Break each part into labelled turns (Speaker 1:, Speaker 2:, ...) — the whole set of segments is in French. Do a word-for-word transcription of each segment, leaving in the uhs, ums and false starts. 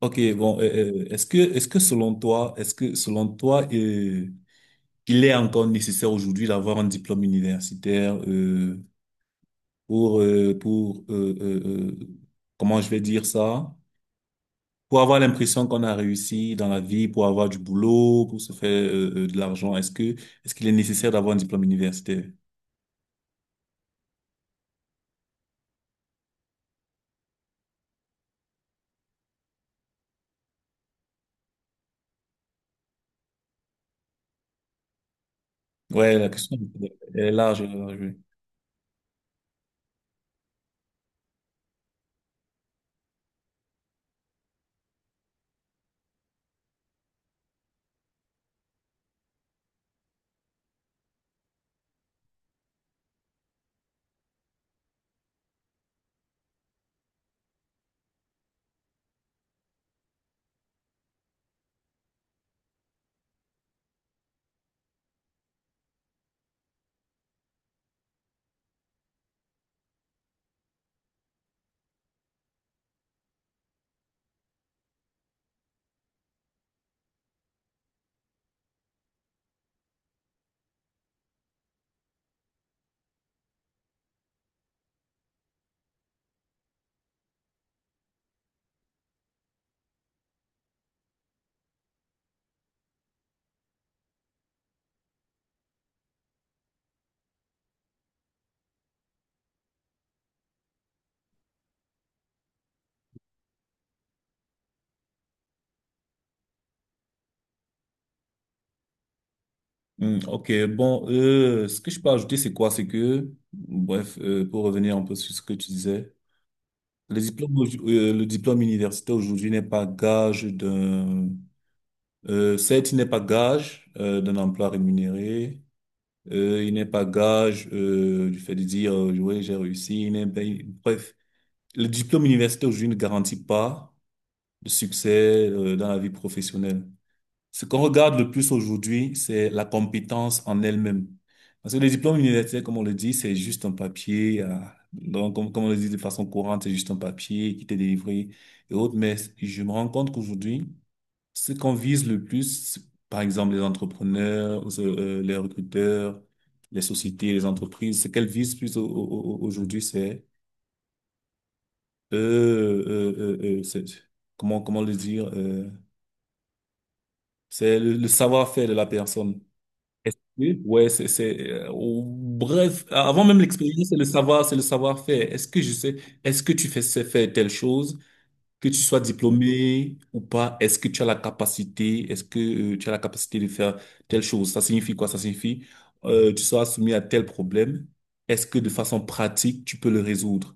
Speaker 1: Ok, bon, euh, euh, Est-ce que, est-ce que selon toi, est-ce que selon toi, euh, il est encore nécessaire aujourd'hui d'avoir un diplôme universitaire euh, pour, euh, pour euh, euh, euh, comment je vais dire ça, pour avoir l'impression qu'on a réussi dans la vie, pour avoir du boulot, pour se faire euh, euh, de l'argent, est-ce que, est-ce qu'il est nécessaire d'avoir un diplôme universitaire? Ouais, la question elle est large. elle est large, oui. Hmm, ok, bon, euh, ce que je peux ajouter, c'est quoi? C'est que, bref, euh, pour revenir un peu sur ce que tu disais. Le diplôme, au- euh, le diplôme universitaire aujourd'hui n'est pas gage d'un, euh, Certes, il n'est pas gage euh, d'un emploi rémunéré, euh, il n'est pas gage euh, du fait de dire, euh, ouais, j'ai réussi, il n'est, ben, bref, le diplôme universitaire aujourd'hui ne garantit pas de succès euh, dans la vie professionnelle. Ce qu'on regarde le plus aujourd'hui, c'est la compétence en elle-même. Parce que les diplômes universitaires, comme on le dit, c'est juste un papier. euh, Donc, comme, comme on le dit de façon courante, c'est juste un papier qui t'est délivré et autres. Mais je me rends compte qu'aujourd'hui, ce qu'on vise le plus, par exemple les entrepreneurs, euh, euh, les recruteurs, les sociétés, les entreprises, ce qu'elles visent plus au- au- au- aujourd'hui, c'est euh, euh, euh, euh, c'est- comment, comment le dire, euh, c'est le le savoir-faire de la personne. Est-ce que- Ouais, c'est, c'est, euh, ou- bref, avant même l'expérience, c'est le savoir, c'est le savoir-faire. Est-ce que je sais, est-ce que tu fais sais faire telle chose, que tu sois diplômé ou pas, est-ce que tu as la capacité, est-ce que euh, tu as la capacité de faire telle chose? Ça signifie quoi? Ça signifie, euh, tu seras soumis à tel problème. Est-ce que de façon pratique, tu peux le résoudre?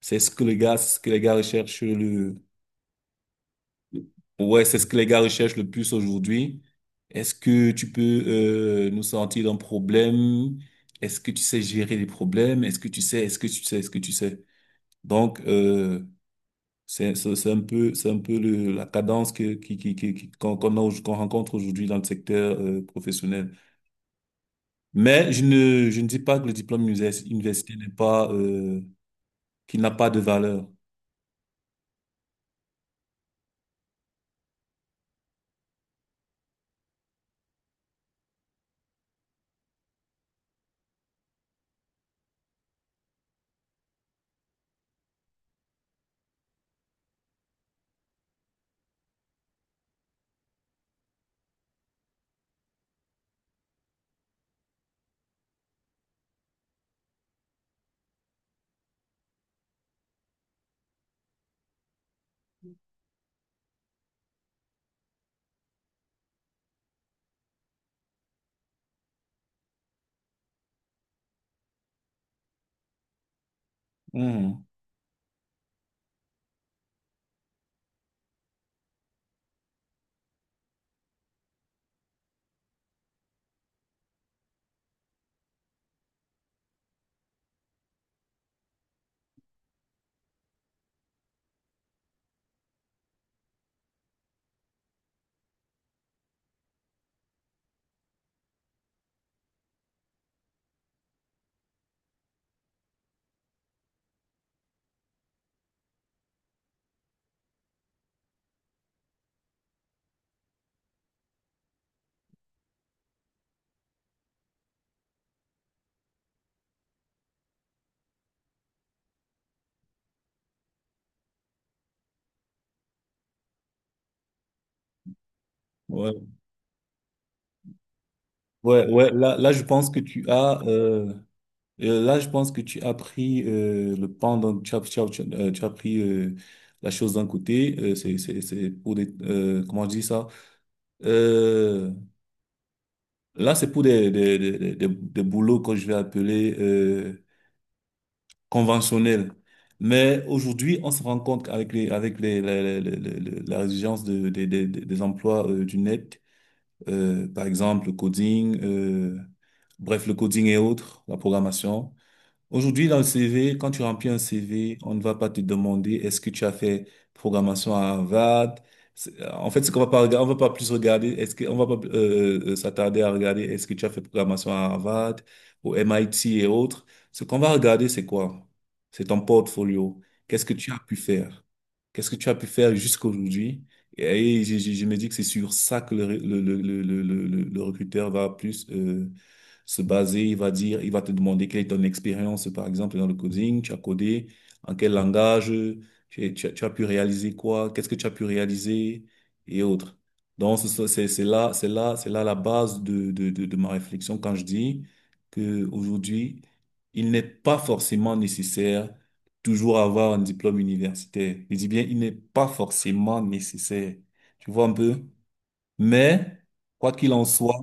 Speaker 1: C'est ce que les gars, c'est ce que les gars recherchent le, ouais, c'est ce que les gars recherchent le plus aujourd'hui. Est-ce que tu peux euh, nous sortir d'un problème? Est-ce que tu sais gérer les problèmes? Est-ce que tu sais? Est-ce que tu sais? Est-ce que tu sais? Donc, euh, c'est c'est c'est un peu c'est un peu le, la cadence que qui qui qui, qui- qu'on qu'on a au- qu'on rencontre aujourd'hui dans le secteur euh, professionnel. Mais je ne je ne dis pas que le diplôme univers- universitaire n'est pas euh, qu'il n'a pas de valeur. Mhm. Ouais ouais ouais. Là là, je pense que tu as euh, Euh, là, je pense que tu as pris euh, le pendant, tu as, tu as- tu as- euh, tu as pris euh, la chose d'un côté. Euh, c'est, c'est, c'est pour des, euh, comment je dis ça? Euh, Là, c'est pour des, des, des, des, des- des boulots que je vais appeler euh, conventionnels. Mais aujourd'hui, on se rend compte qu'avec les, avec les, les- les- les- les- la résilience de, des des des- des emplois euh, du net, euh, par exemple, le coding, euh, bref, le coding et autres, la programmation. Aujourd'hui, dans le C V, quand tu remplis un C V, on ne va pas te demander est-ce que tu as fait programmation à Harvard. C'est- euh, En fait, ce qu'on va pas regarder, on va pas plus regarder, est-ce que, on va pas euh, euh, euh, s'attarder à regarder est-ce que tu as fait programmation à Harvard, au M I T et autres. Ce qu'on va regarder, c'est quoi? C'est ton portfolio. Qu'est-ce que tu as pu faire? Qu'est-ce que tu as pu faire jusqu'à aujourd'hui? Et, et je, je- je me dis que c'est sur ça que le, le, le, le, le, le- le recruteur va plus euh, se baser. Il va dire, il va te demander quelle est ton expérience, par exemple, dans le coding. Tu as codé en quel langage, tu, tu as tu as pu réaliser quoi, qu'est-ce que tu as pu réaliser et autres. Donc, c'est c'est- c'est là, c'est là, c'est là la base de, de, de, de ma réflexion quand je dis que aujourd'hui, il n'est pas forcément nécessaire toujours avoir un diplôme universitaire. Je dis bien, il n'est pas forcément nécessaire. Tu vois un peu? Mais, quoi qu'il en soit,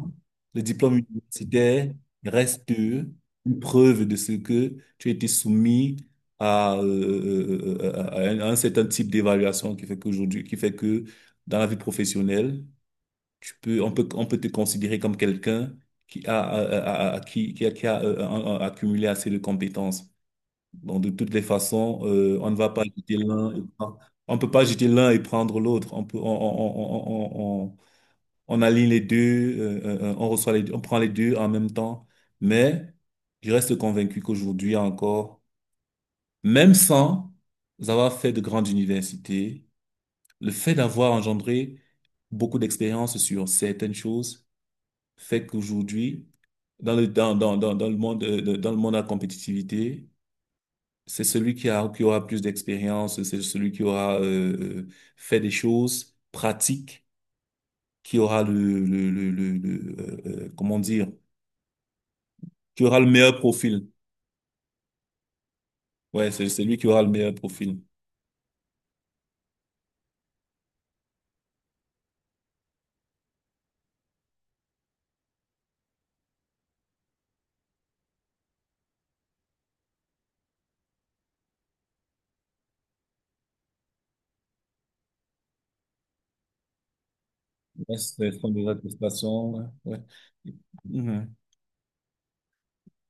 Speaker 1: le diplôme universitaire reste une preuve de ce que tu as été soumis à, euh, euh, euh, à à un à un certain type d'évaluation qui fait qu'aujourd'hui, qui fait que dans la vie professionnelle, tu peux, on peut, on peut te considérer comme quelqu'un qui a, a- a- a- qui, qui a, qui a, euh, un- un- accumulé assez de compétences. Donc, de toutes les façons, euh, on ne va pas jeter l'un et pas- on peut pas jeter l'un et prendre l'autre. On peut, on, on, on, on, on- On aligne les deux, euh, euh, euh, on reçoit les deux, on prend les deux en même temps. Mais je reste convaincu qu'aujourd'hui encore, même sans avoir fait de grandes universités, le fait d'avoir engendré beaucoup d'expérience sur certaines choses fait qu'aujourd'hui, dans le, dans, dans, dans, dans le monde, euh, de- dans le monde de la compétitivité, c'est celui qui a, qui aura plus d'expérience, c'est celui qui aura euh, euh, fait des choses pratiques, qui aura le, le, le, le, le, euh, euh, comment dire, qui aura le meilleur profil. Ouais, c'est c'est lui qui aura le meilleur profil. Ouais, c'est le centre de ouais. Ouais. Mhm.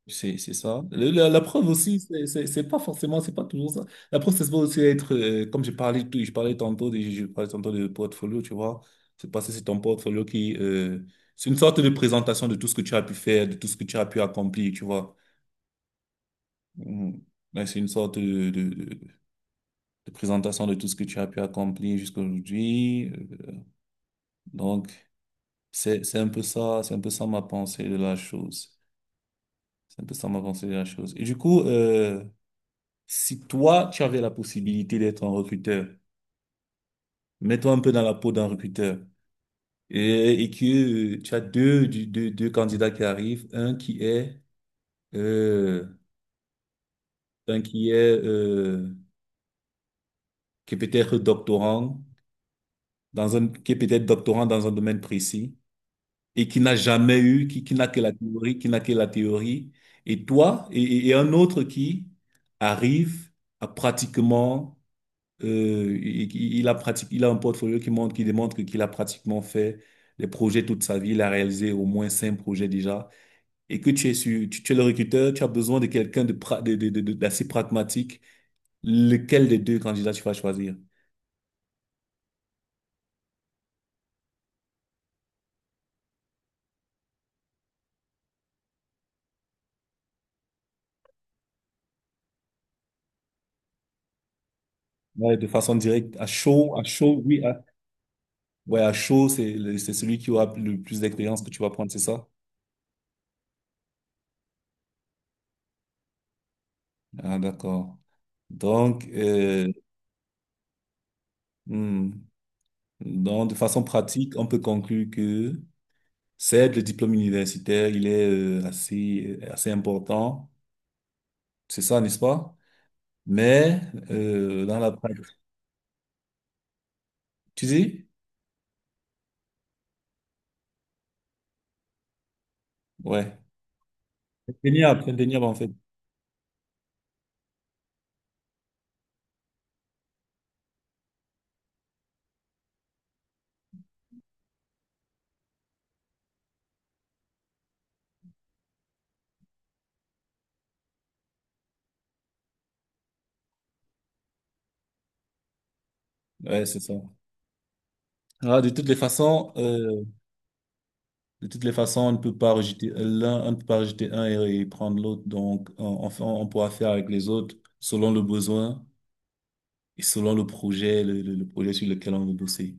Speaker 1: C'est, c'est ça. Le- La, la preuve aussi, c'est c'est- c'est pas forcément, c'est pas toujours ça. La preuve, c'est aussi être, euh, comme j'ai parlé, tout- je parlais tantôt, de, je parlais tantôt de portfolio, tu vois. C'est parce que c'est ton portfolio qui, euh, c'est une sorte de présentation de tout ce que tu as pu faire, de tout ce que tu as pu accomplir, tu vois. Mhm. Ouais, c'est une sorte de, de, de- de présentation de tout ce que tu as pu accomplir jusqu'aujourd'hui. Euh, Donc, c'est, c'est un peu ça, c'est un peu ça ma pensée de la chose. C'est un peu ça ma pensée de la chose. Et du coup, euh, si toi, tu avais la possibilité d'être un recruteur, mets-toi un peu dans la peau d'un recruteur et, et que euh, tu as deux, du- deux, deux candidats qui arrivent, un qui est, euh, un qui est, euh, qui est peut-être doctorant dans un, qui est peut-être doctorant dans un domaine précis et qui n'a jamais eu, qui, qui n'a que la théorie, qui n'a que la théorie, et toi, et, et- et un autre qui arrive à pratiquement, euh, il, il- il a pratique, il a un portfolio qui montre, qui démontre qu'il a pratiquement fait des projets toute sa vie, il a réalisé au moins cinq projets déjà, et que tu es sur, tu, tu es le recruteur, tu as besoin de quelqu'un de, pra- de, de- de- de- d'assez pragmatique, lequel des deux candidats tu vas choisir? Ouais, de façon directe, à chaud, à chaud, oui, à- ouais, à chaud, c'est le- c'est celui qui aura le plus d'expérience que tu vas prendre, c'est ça? Ah, d'accord. Donc, euh, hmm, donc, de façon pratique, on peut conclure que certes, le diplôme universitaire, il est euh, assez, euh, assez important, c'est ça, n'est-ce pas? Mais euh, dans la pratique, tu dis? Ouais, indéniable, indéniable en fait. Ouais, c'est ça. Ah, de toutes les façons, euh, de toutes les façons, on ne peut pas rejeter l'un, on ne peut pas rejeter un et, et prendre l'autre. Donc, on, on, on pourra faire avec les autres selon le besoin et selon le projet, le, le- le projet sur lequel on veut bosser.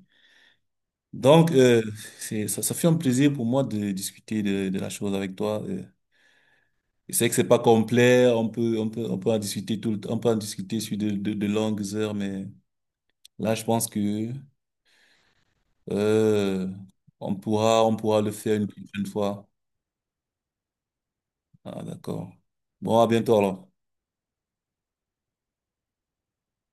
Speaker 1: Donc, euh, c'est, ça, ça fait un plaisir pour moi de discuter de, de la chose avec toi. Euh. Et c'est vrai que c'est pas complet, on peut, on peut, on peut en discuter tout le temps, on peut en discuter sur de, de, de longues heures, mais là, je pense que, euh, on pourra, on pourra le faire une prochaine fois. Ah, d'accord. Bon, à bientôt alors.